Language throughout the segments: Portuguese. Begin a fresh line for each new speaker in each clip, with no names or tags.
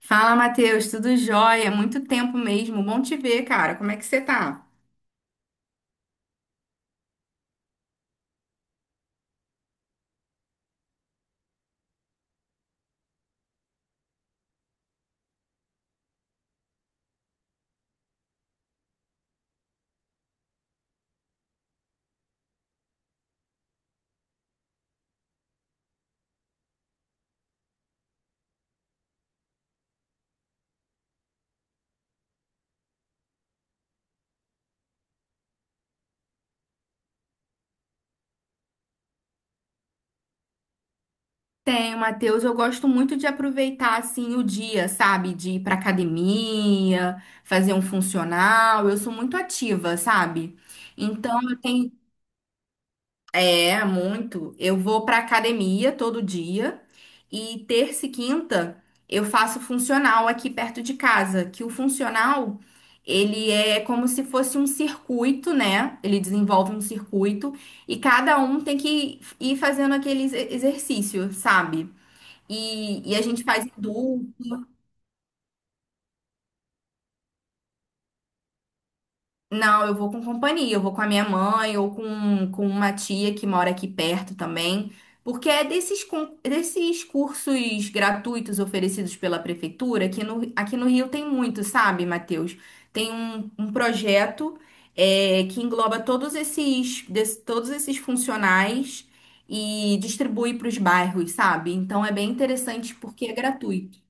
Fala, Matheus, tudo jóia? Muito tempo mesmo. Bom te ver, cara. Como é que você tá? Tenho, Matheus. Eu gosto muito de aproveitar assim o dia, sabe? De ir pra academia, fazer um funcional. Eu sou muito ativa, sabe? Então eu tenho. É muito. Eu vou pra academia todo dia e terça e quinta eu faço funcional aqui perto de casa, que o funcional ele é como se fosse um circuito, né? Ele desenvolve um circuito e cada um tem que ir fazendo aquele exercício, sabe? E a gente faz em dupla. Não, eu vou com companhia, eu vou com a minha mãe ou com uma tia que mora aqui perto também, porque é desses, desses cursos gratuitos oferecidos pela prefeitura, que aqui no Rio tem muito, sabe, Matheus? Tem um, um projeto que engloba todos esses, todos esses funcionais e distribui para os bairros, sabe? Então é bem interessante porque é gratuito.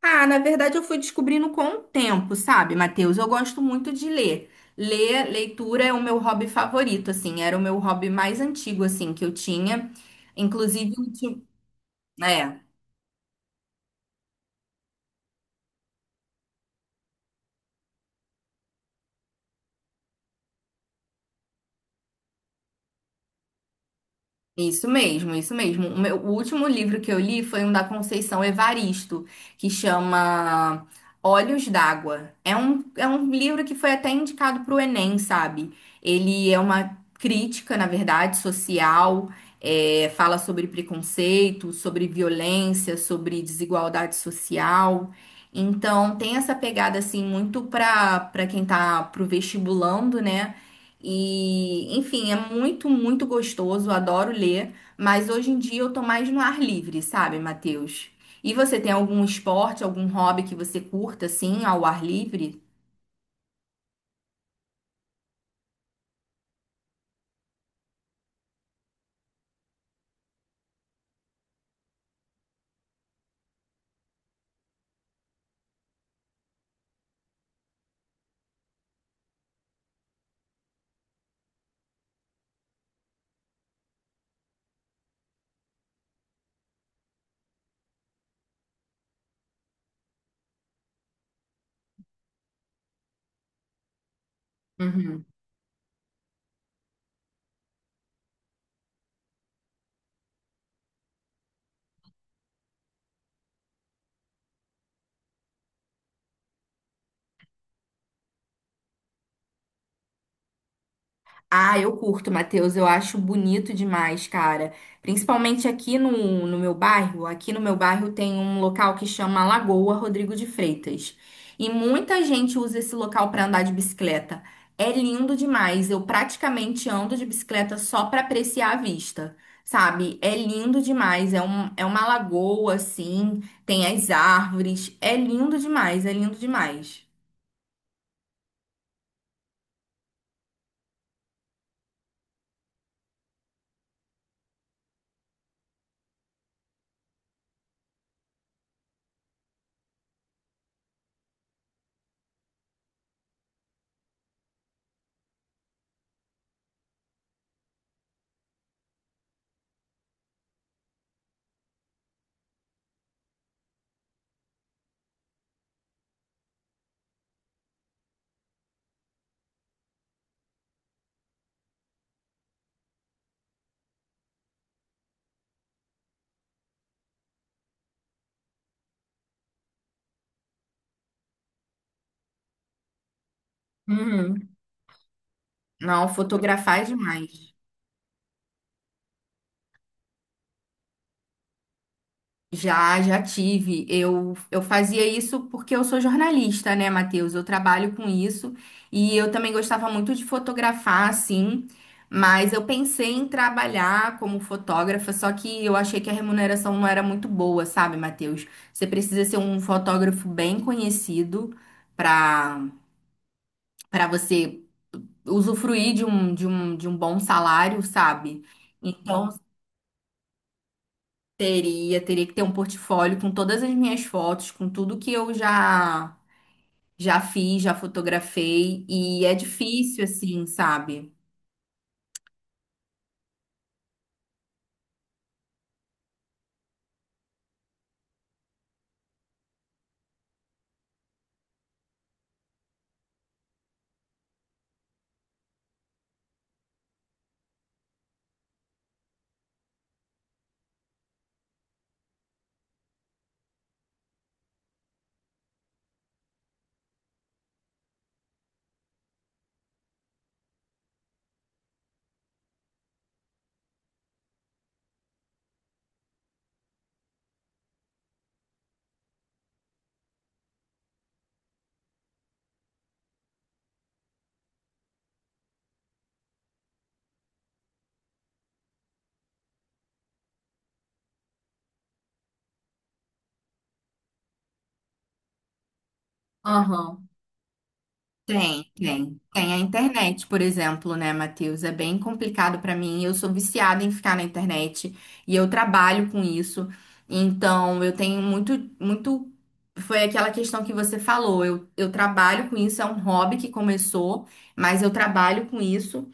Ah, na verdade eu fui descobrindo com o tempo, sabe, Matheus? Eu gosto muito de ler. Ler, leitura é o meu hobby favorito, assim, era o meu hobby mais antigo, assim, que eu tinha. Inclusive, ulti- É. Isso mesmo, isso mesmo. O último livro que eu li foi um da Conceição Evaristo, que chama Olhos d'Água. É um livro que foi até indicado para o Enem, sabe? Ele é uma crítica, na verdade, social, fala sobre preconceito, sobre violência, sobre desigualdade social. Então, tem essa pegada, assim, muito para quem tá pro vestibulando, né? E, enfim, é muito, muito gostoso, adoro ler, mas hoje em dia eu tô mais no ar livre, sabe, Matheus? E você tem algum esporte, algum hobby que você curta, assim, ao ar livre? Ah, eu curto, Matheus. Eu acho bonito demais, cara. Principalmente aqui no meu bairro. Aqui no meu bairro tem um local que chama Lagoa Rodrigo de Freitas. E muita gente usa esse local para andar de bicicleta. É lindo demais. Eu praticamente ando de bicicleta só para apreciar a vista, sabe? É lindo demais. É uma lagoa, assim. Tem as árvores. É lindo demais. É lindo demais. Uhum. Não, fotografar é demais. Já, já tive. Eu fazia isso porque eu sou jornalista, né, Matheus? Eu trabalho com isso e eu também gostava muito de fotografar, assim, mas eu pensei em trabalhar como fotógrafa, só que eu achei que a remuneração não era muito boa, sabe, Matheus? Você precisa ser um fotógrafo bem conhecido para para você usufruir de um, de um bom salário, sabe? Então, teria, teria que ter um portfólio com todas as minhas fotos, com tudo que eu já fiz, já fotografei, e é difícil assim, sabe? Aham. Tem, tem. Tem a internet, por exemplo, né, Matheus? É bem complicado pra mim. Eu sou viciada em ficar na internet e eu trabalho com isso. Então, eu tenho muito, muito. Foi aquela questão que você falou. Eu trabalho com isso, é um hobby que começou, mas eu trabalho com isso.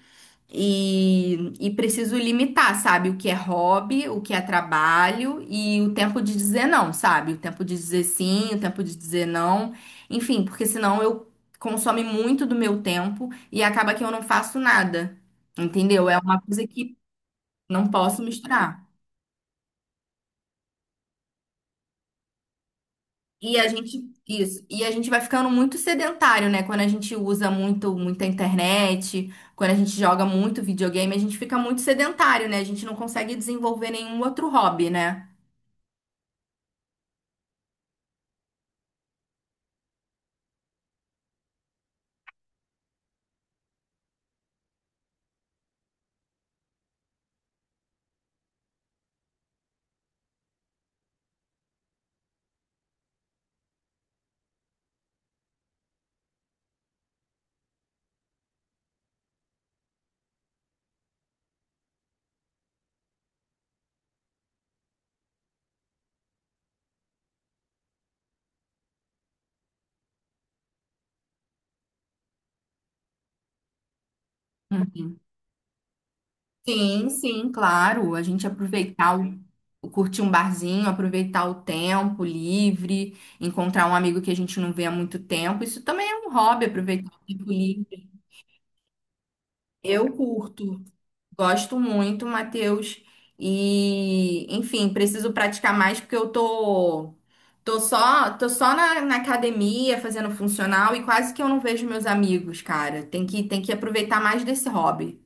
E preciso limitar, sabe? O que é hobby, o que é trabalho e o tempo de dizer não, sabe? O tempo de dizer sim, o tempo de dizer não. Enfim, porque senão eu consome muito do meu tempo e acaba que eu não faço nada. Entendeu? É uma coisa que não posso misturar. E a gente, isso, e a gente vai ficando muito sedentário, né? Quando a gente usa muito, muita internet, quando a gente joga muito videogame, a gente fica muito sedentário, né? A gente não consegue desenvolver nenhum outro hobby, né? Uhum. Sim, sim, claro. A gente aproveitar curtir um barzinho, aproveitar o tempo livre, encontrar um amigo que a gente não vê há muito tempo. Isso também é um hobby, aproveitar o tempo livre. Eu curto, gosto muito, Matheus. E, enfim, preciso praticar mais porque eu tô só na academia fazendo funcional e quase que eu não vejo meus amigos, cara. Tem que aproveitar mais desse hobby.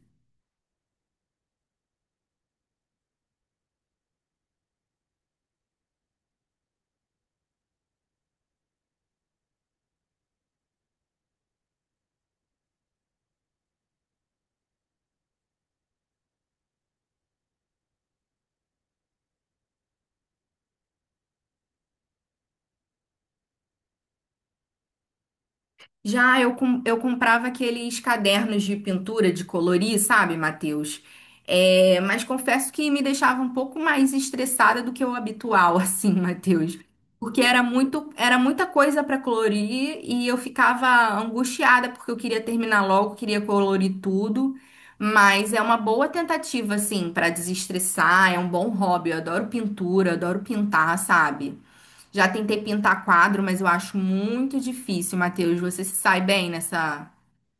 Já eu, eu comprava aqueles cadernos de pintura, de colorir, sabe, Matheus? É, mas confesso que me deixava um pouco mais estressada do que o habitual, assim, Matheus. Porque era muito, era muita coisa para colorir e eu ficava angustiada porque eu queria terminar logo, queria colorir tudo. Mas é uma boa tentativa, assim, para desestressar, é um bom hobby. Eu adoro pintura, adoro pintar, sabe? Já tentei pintar quadro, mas eu acho muito difícil, Matheus. Você se sai bem nessa,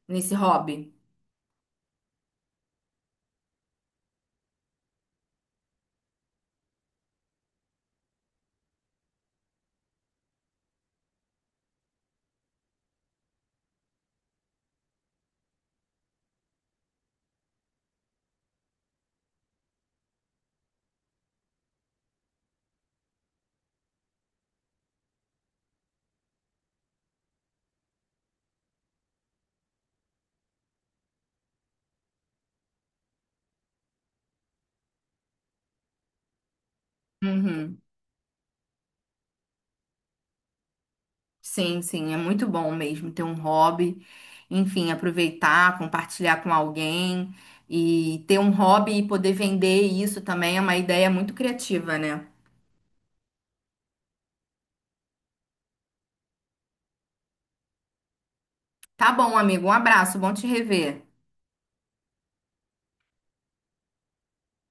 nesse hobby? Uhum. Sim, sim, é muito bom mesmo ter um hobby. Enfim, aproveitar, compartilhar com alguém e ter um hobby e poder vender isso também é uma ideia muito criativa, né? Tá bom, amigo. Um abraço, bom te rever.